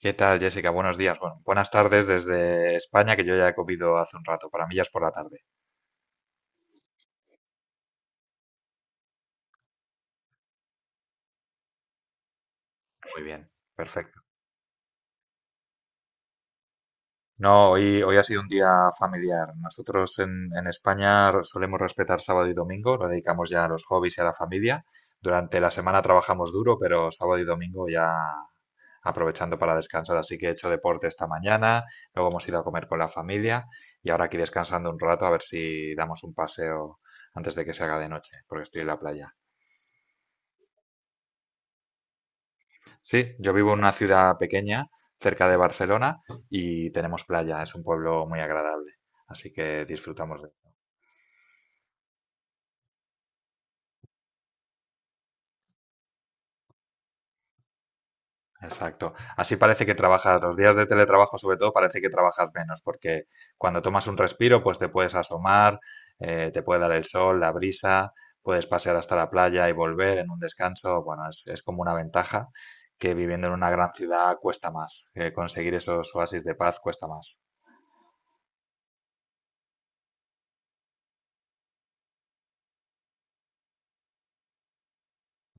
¿Qué tal, Jessica? Buenos días. Bueno, buenas tardes desde España, que yo ya he comido hace un rato. Para mí ya es por la tarde. Muy bien, perfecto. No, hoy ha sido un día familiar. Nosotros en España solemos respetar sábado y domingo, lo dedicamos ya a los hobbies y a la familia. Durante la semana trabajamos duro, pero sábado y domingo ya aprovechando para descansar. Así que he hecho deporte esta mañana, luego hemos ido a comer con la familia y ahora aquí descansando un rato a ver si damos un paseo antes de que se haga de noche, porque estoy en la playa. Sí, yo vivo en una ciudad pequeña, cerca de Barcelona, y tenemos playa, es un pueblo muy agradable, así que disfrutamos de. Exacto. Así parece que trabajas, los días de teletrabajo sobre todo, parece que trabajas menos, porque cuando tomas un respiro, pues te puedes asomar, te puede dar el sol, la brisa, puedes pasear hasta la playa y volver en un descanso. Bueno, es como una ventaja que viviendo en una gran ciudad cuesta más, conseguir esos oasis de paz cuesta más,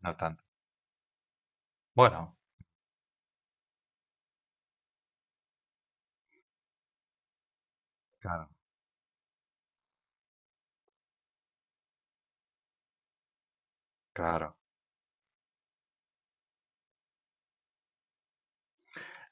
no tanto. Bueno, claro, claro.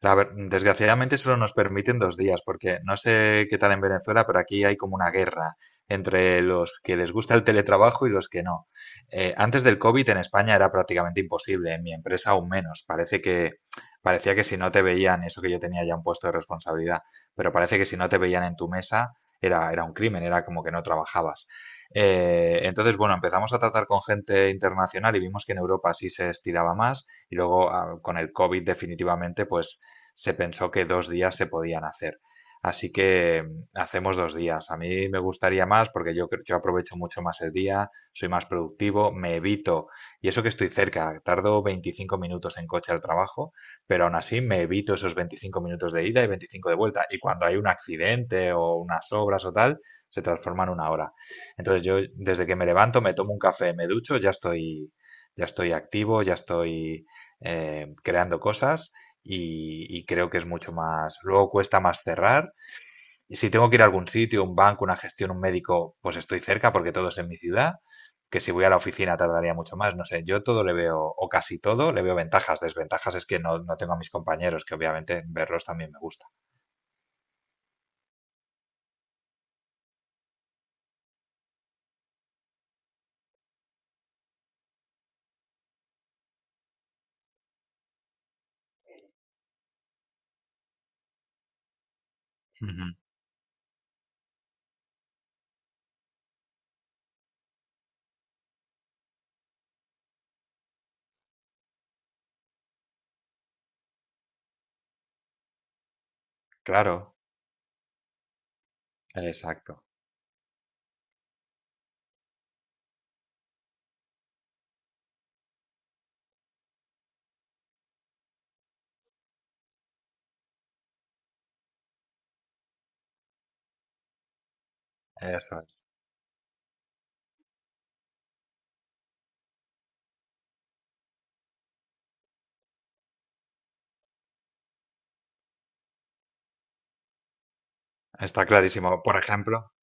Desgraciadamente solo nos permiten dos días, porque no sé qué tal en Venezuela, pero aquí hay como una guerra entre los que les gusta el teletrabajo y los que no. Antes del COVID en España era prácticamente imposible, en mi empresa aún menos. Parece que parecía que si no te veían, eso que yo tenía ya un puesto de responsabilidad, pero parece que si no te veían en tu mesa era un crimen, era como que no trabajabas. Entonces, bueno, empezamos a tratar con gente internacional y vimos que en Europa sí se estiraba más y luego con el COVID definitivamente, pues se pensó que dos días se podían hacer. Así que hacemos dos días. A mí me gustaría más porque yo aprovecho mucho más el día, soy más productivo, me evito, y eso que estoy cerca, tardo 25 minutos en coche al trabajo, pero aún así me evito esos 25 minutos de ida y 25 de vuelta. Y cuando hay un accidente o unas obras o tal, se transforma en una hora. Entonces yo desde que me levanto, me tomo un café, me ducho, ya estoy activo, ya estoy creando cosas y creo que es mucho más. Luego cuesta más cerrar. Y si tengo que ir a algún sitio, un banco, una gestión, un médico, pues estoy cerca porque todo es en mi ciudad. Que si voy a la oficina tardaría mucho más. No sé, yo todo le veo, o casi todo, le veo ventajas. Desventajas es que no, no tengo a mis compañeros, que obviamente verlos también me gusta. Ujú. Claro, exacto. Eso es. Está clarísimo. Por ejemplo,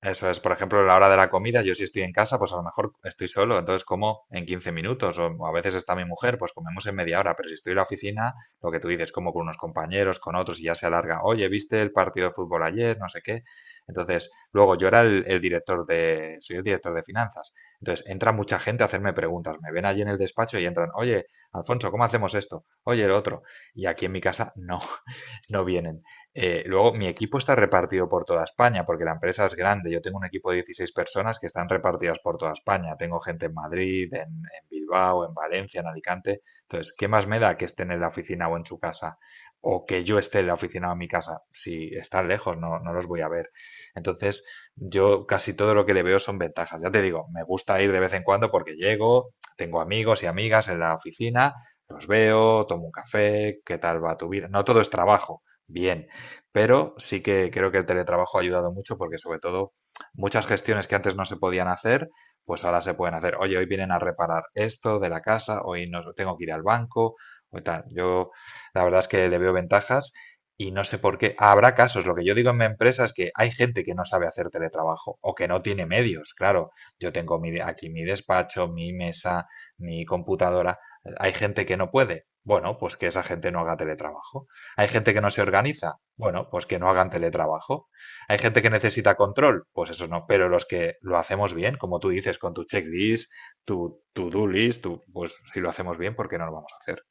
eso es, por ejemplo, la hora de la comida, yo si estoy en casa, pues a lo mejor estoy solo, entonces como en 15 minutos, o a veces está mi mujer, pues comemos en media hora, pero si estoy en la oficina, lo que tú dices, como con unos compañeros, con otros, y ya se alarga, oye, ¿viste el partido de fútbol ayer? No sé qué. Entonces, luego yo era el director de, soy el director de finanzas, entonces entra mucha gente a hacerme preguntas, me ven allí en el despacho y entran, oye, Alfonso, ¿cómo hacemos esto? Oye, el otro. Y aquí en mi casa no, no vienen. Luego, mi equipo está repartido por toda España, porque la empresa es grande. Yo tengo un equipo de 16 personas que están repartidas por toda España. Tengo gente en Madrid, en Bilbao, en Valencia, en Alicante. Entonces, ¿qué más me da que estén en la oficina o en su casa? O que yo esté en la oficina o en mi casa. Si están lejos, no, no los voy a ver. Entonces, yo casi todo lo que le veo son ventajas. Ya te digo, me gusta ir de vez en cuando porque llego, tengo amigos y amigas en la oficina, los veo, tomo un café, ¿qué tal va tu vida? No todo es trabajo bien, pero sí que creo que el teletrabajo ha ayudado mucho porque sobre todo muchas gestiones que antes no se podían hacer, pues ahora se pueden hacer. Oye, hoy vienen a reparar esto de la casa, hoy no tengo que ir al banco o tal. Yo la verdad es que le veo ventajas y no sé por qué. Habrá casos, lo que yo digo en mi empresa es que hay gente que no sabe hacer teletrabajo o que no tiene medios. Claro, yo tengo aquí mi despacho, mi mesa, mi computadora. Hay gente que no puede. Bueno, pues que esa gente no haga teletrabajo. Hay gente que no se organiza. Bueno, pues que no hagan teletrabajo. Hay gente que necesita control. Pues eso no. Pero los que lo hacemos bien, como tú dices, con tu checklist, tu to-do list, tu, pues si lo hacemos bien, ¿por qué no lo vamos a hacer?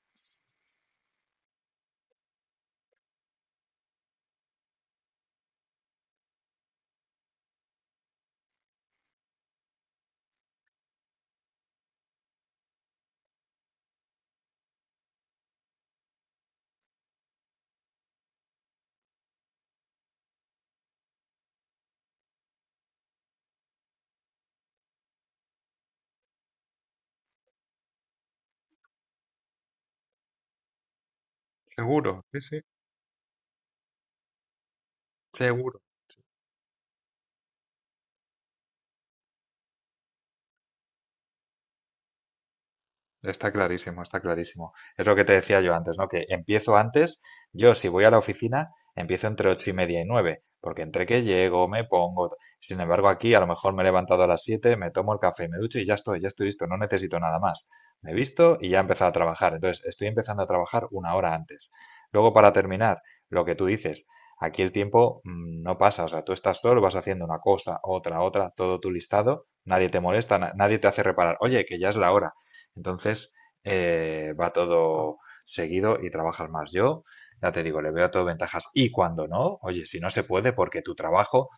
Seguro, sí, sí, seguro. Está clarísimo, está clarísimo. Es lo que te decía yo antes, ¿no? Que empiezo antes, yo si voy a la oficina, empiezo entre ocho y media y nueve, porque entre que llego, me pongo. Sin embargo, aquí a lo mejor me he levantado a las siete, me tomo el café, me ducho y ya estoy listo, no necesito nada más. Me he visto y ya he empezado a trabajar. Entonces, estoy empezando a trabajar una hora antes. Luego, para terminar, lo que tú dices, aquí el tiempo no pasa, o sea, tú estás solo, vas haciendo una cosa, otra, otra, todo tu listado, nadie te molesta, nadie te hace reparar, oye, que ya es la hora. Entonces, va todo seguido y trabajas más. Yo, ya te digo, le veo todo ventajas. Y cuando no, oye, si no se puede porque tu trabajo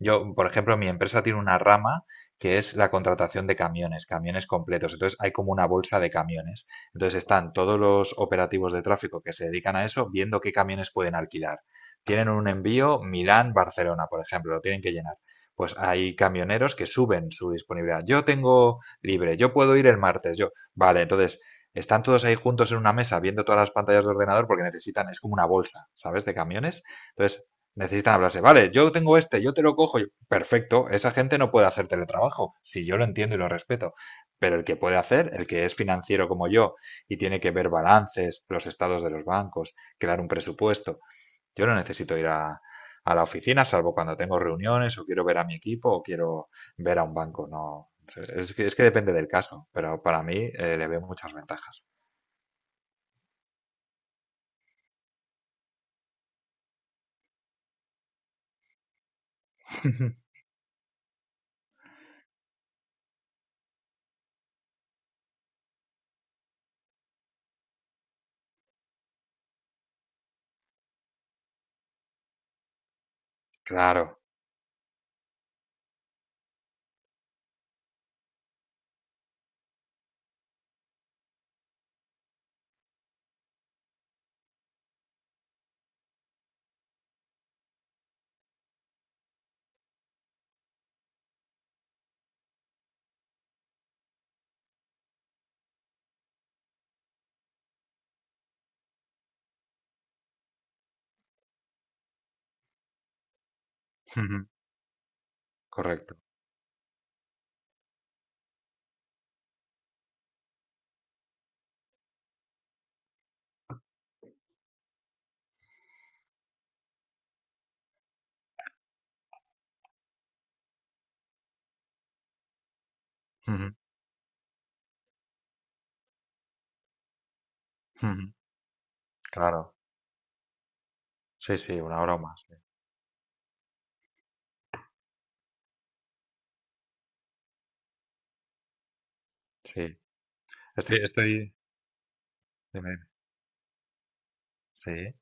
yo, por ejemplo, mi empresa tiene una rama que es la contratación de camiones, camiones completos. Entonces hay como una bolsa de camiones. Entonces están todos los operativos de tráfico que se dedican a eso viendo qué camiones pueden alquilar. Tienen un envío Milán-Barcelona, por ejemplo, lo tienen que llenar. Pues hay camioneros que suben su disponibilidad. Yo tengo libre, yo puedo ir el martes, yo. Vale, entonces están todos ahí juntos en una mesa viendo todas las pantallas de ordenador porque necesitan, es como una bolsa, ¿sabes? De camiones. Entonces necesitan hablarse. Vale, yo tengo este, yo te lo cojo. Perfecto, esa gente no puede hacer teletrabajo, si yo lo entiendo y lo respeto. Pero el que puede hacer, el que es financiero como yo y tiene que ver balances, los estados de los bancos, crear un presupuesto, yo no necesito ir a la oficina, salvo cuando tengo reuniones o quiero ver a mi equipo o quiero ver a un banco. No, es que depende del caso, pero para mí le veo muchas ventajas. Claro, correcto. Claro, sí, sí, una hora o más. Sí, estoy, dime, sí,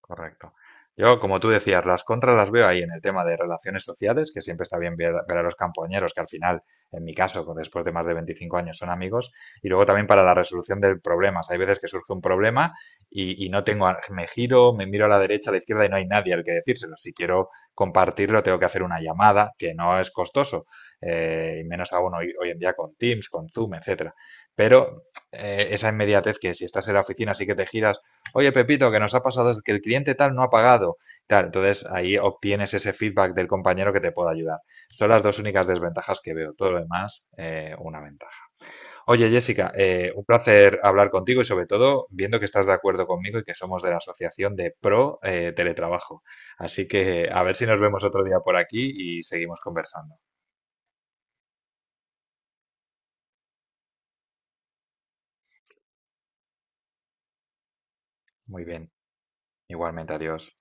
correcto. Yo, como tú decías, las contras las veo ahí en el tema de relaciones sociales, que siempre está bien ver, ver a los compañeros, que al final, en mi caso, después de más de 25 años son amigos, y luego también para la resolución de problemas. Hay veces que surge un problema y no tengo, me giro, me miro a la derecha, a la izquierda y no hay nadie al que decírselo. Si quiero compartirlo, tengo que hacer una llamada, que no es costoso, y menos aún hoy en día con Teams, con Zoom, etcétera. Pero esa inmediatez que si estás en la oficina, sí que te giras oye Pepito, que nos ha pasado es que el cliente tal no ha pagado. Tal, entonces ahí obtienes ese feedback del compañero que te pueda ayudar. Son las dos únicas desventajas que veo. Todo lo demás, una ventaja. Oye Jessica, un placer hablar contigo y sobre todo viendo que estás de acuerdo conmigo y que somos de la Asociación de Pro Teletrabajo. Así que a ver si nos vemos otro día por aquí y seguimos conversando. Muy bien, igualmente, adiós.